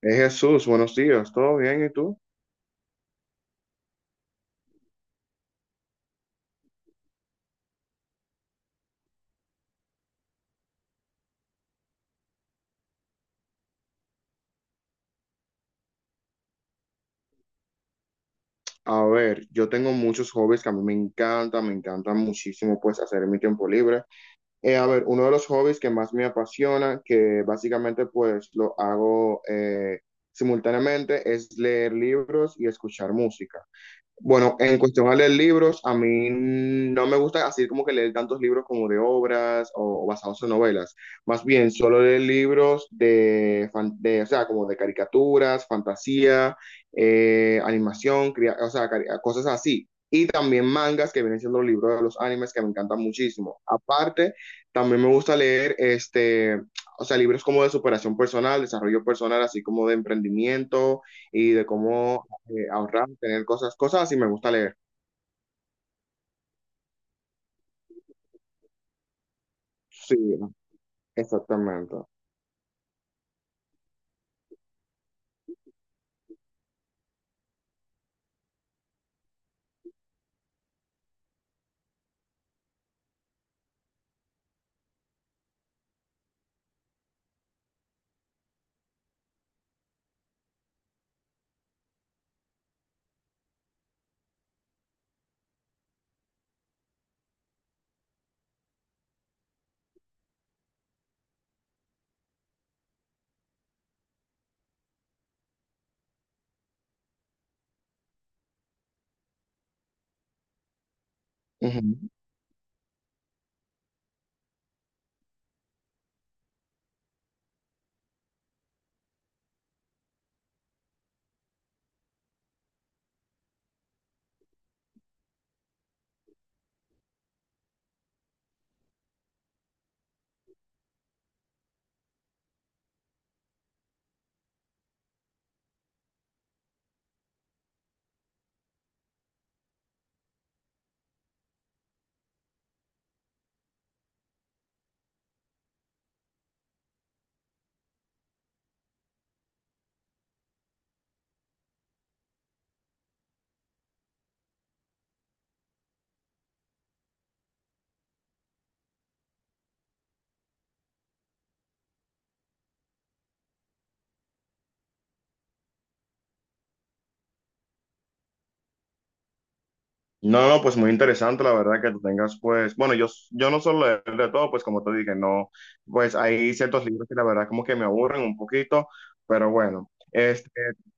Jesús, buenos días, ¿todo bien? ¿Y tú? A ver, yo tengo muchos hobbies que a mí me encanta muchísimo pues hacer en mi tiempo libre. A ver, uno de los hobbies que más me apasiona, que básicamente pues lo hago simultáneamente, es leer libros y escuchar música. Bueno, en cuestión a leer libros, a mí no me gusta así como que leer tantos libros como de obras o basados en novelas. Más bien, solo leer libros de, de, o sea, como de caricaturas, fantasía, animación, cosas así. Y también mangas, que vienen siendo los libros de los animes, que me encantan muchísimo. Aparte, también me gusta leer este, o sea, libros como de superación personal, desarrollo personal, así como de emprendimiento y de cómo ahorrar, tener cosas así me gusta leer. Sí, exactamente. Ujú. No, no, pues muy interesante, la verdad, que tú tengas, pues, bueno, yo no suelo leer de todo, pues como te dije, no, pues hay ciertos libros que la verdad como que me aburren un poquito, pero bueno, este,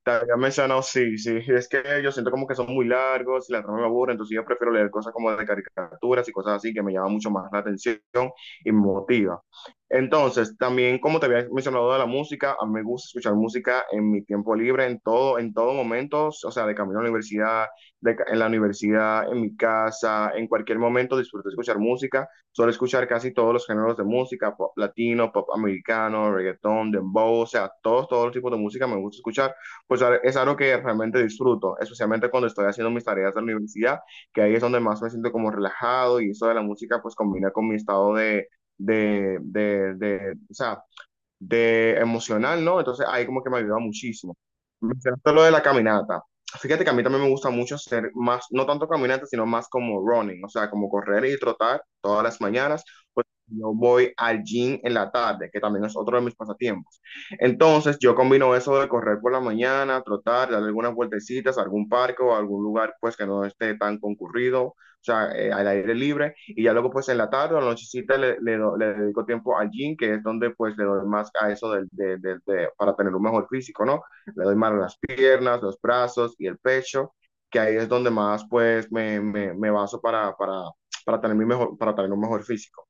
te había mencionado, sí, es que yo siento como que son muy largos y la trama me aburre, entonces yo prefiero leer cosas como de caricaturas y cosas así que me llaman mucho más la atención y me motiva. Entonces, también como te había mencionado de la música, a mí me gusta escuchar música en mi tiempo libre, en todo momento, o sea, de camino a la universidad de, en la universidad, en mi casa, en cualquier momento disfruto escuchar música. Suelo escuchar casi todos los géneros de música, pop latino, pop americano, reggaetón, dembow, o sea, todos los tipos de música me gusta escuchar. Pues es algo que realmente disfruto, especialmente cuando estoy haciendo mis tareas de la universidad, que ahí es donde más me siento como relajado y eso de la música pues combina con mi estado o sea, de emocional, ¿no? Entonces ahí como que me ayuda muchísimo. Mencionaste lo de la caminata. Fíjate que a mí también me gusta mucho hacer más, no tanto caminata, sino más como running, o sea, como correr y trotar todas las mañanas. Pues yo voy al gym en la tarde, que también es otro de mis pasatiempos. Entonces yo combino eso de correr por la mañana, trotar, dar algunas vueltecitas a algún parque o a algún lugar pues que no esté tan concurrido, o sea, al aire libre y ya luego pues en la tarde o en la nochecita le dedico tiempo al gym, que es donde pues le doy más a eso del de- para tener un mejor físico, ¿no? Le doy más a las piernas, los brazos y el pecho, que ahí es donde más pues me baso para tener para tener un mejor físico.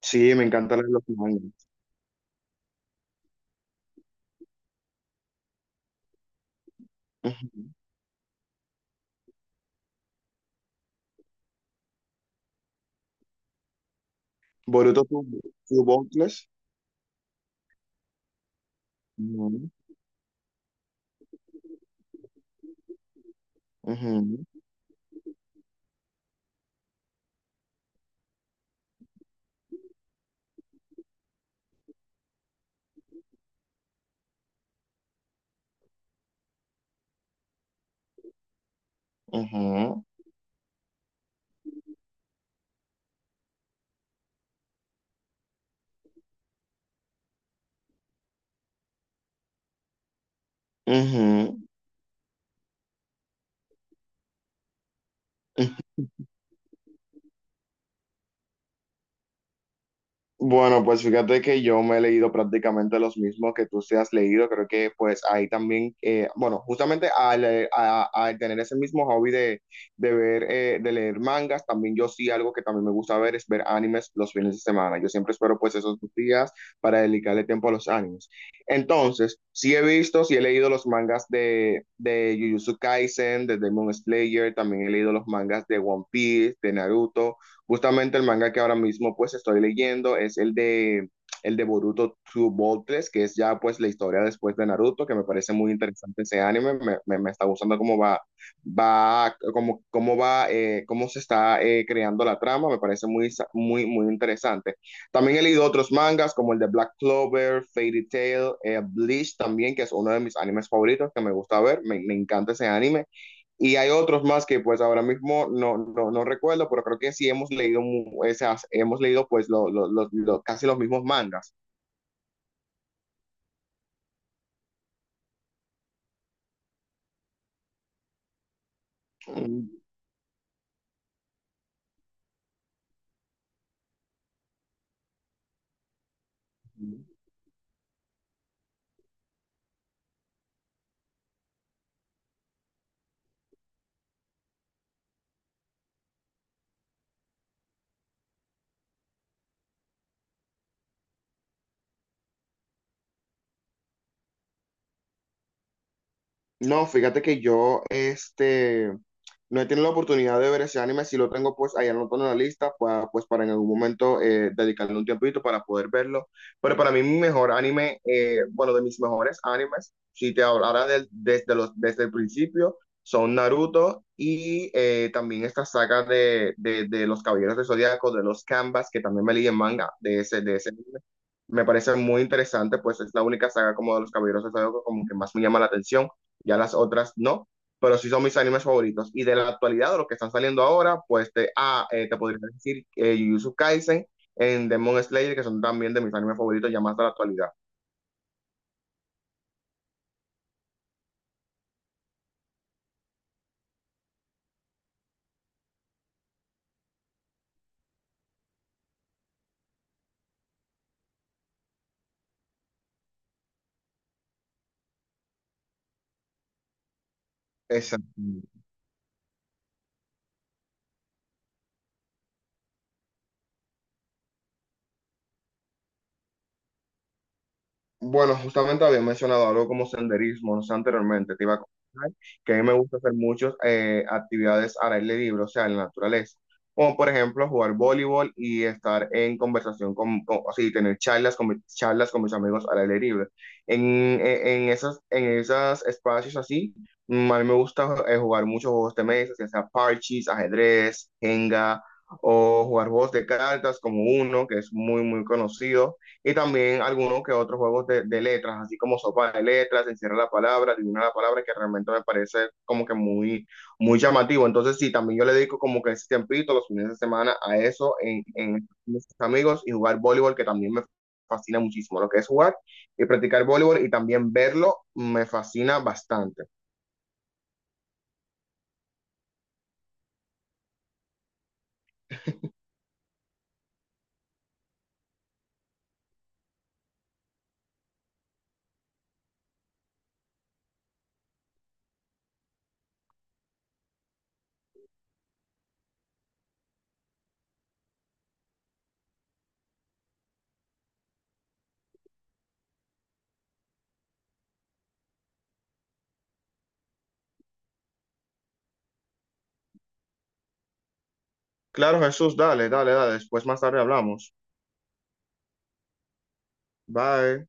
Sí, me encantan los mangas. Ujú. Boruto Suboutles. Ujú, ujú, ujú, ujú, Ujú. Bueno, pues fíjate que yo me he leído prácticamente los mismos que tú te has leído. Creo que pues ahí también, bueno, justamente al tener ese mismo hobby de ver, de leer mangas, también yo sí algo que también me gusta ver es ver animes los fines de semana. Yo siempre espero pues esos dos días para dedicarle tiempo a los animes. Entonces, sí he visto, sí he leído los mangas de Jujutsu Kaisen, de Demon Slayer, también he leído los mangas de One Piece, de Naruto. Justamente el manga que ahora mismo pues estoy leyendo es el de Boruto True Boltless, que es ya pues la historia después de Naruto, que me parece muy interesante ese anime, me está gustando cómo va, cómo se está creando la trama, me parece muy, muy interesante. También he leído otros mangas como el de Black Clover, Fairy Tail, Bleach también, que es uno de mis animes favoritos que me gusta ver, me encanta ese anime. Y hay otros más que pues ahora mismo no recuerdo, pero creo que sí hemos leído, esas, hemos leído pues lo, casi los mismos mangas. Mm. No, fíjate que yo este, no he tenido la oportunidad de ver ese anime, si lo tengo pues ahí anotado en la lista, pues para en algún momento dedicarle un tiempito para poder verlo, pero para mí mi mejor anime, bueno, de mis mejores animes, si te hablara desde, desde el principio, son Naruto y también esta saga de los Caballeros del Zodiaco, de los Canvas, que también me leí en manga de ese anime. Me parece muy interesante, pues es la única saga como de los Caballeros del Zodiaco como que más me llama la atención ya las otras no, pero sí son mis animes favoritos. Y de la actualidad, de los que están saliendo ahora, pues te podría decir Jujutsu Kaisen en Demon Slayer, que son también de mis animes favoritos ya más de la actualidad. Exacto. Bueno, justamente había mencionado algo como senderismo, no sé, anteriormente, te iba a comentar que a mí me gusta hacer muchas actividades al aire libre, o sea, en la naturaleza, como por ejemplo jugar voleibol y estar en conversación así, tener charlas charlas con mis amigos al aire libre. En, en esas, en esos espacios así, a mí me gusta jugar muchos juegos de mesa, ya sea parches, ajedrez, jenga, o jugar juegos de cartas como uno, que es muy conocido y también algunos que otros juegos de letras, así como sopa de letras, encierra la palabra, adivina la palabra, que realmente me parece como que muy llamativo. Entonces, sí, también yo le dedico como que ese tiempito, los fines de semana, a eso, en mis amigos y jugar voleibol, que también me fascina muchísimo. Lo que es jugar y practicar voleibol y también verlo me fascina bastante. Claro, Jesús, dale. Después más tarde hablamos. Bye.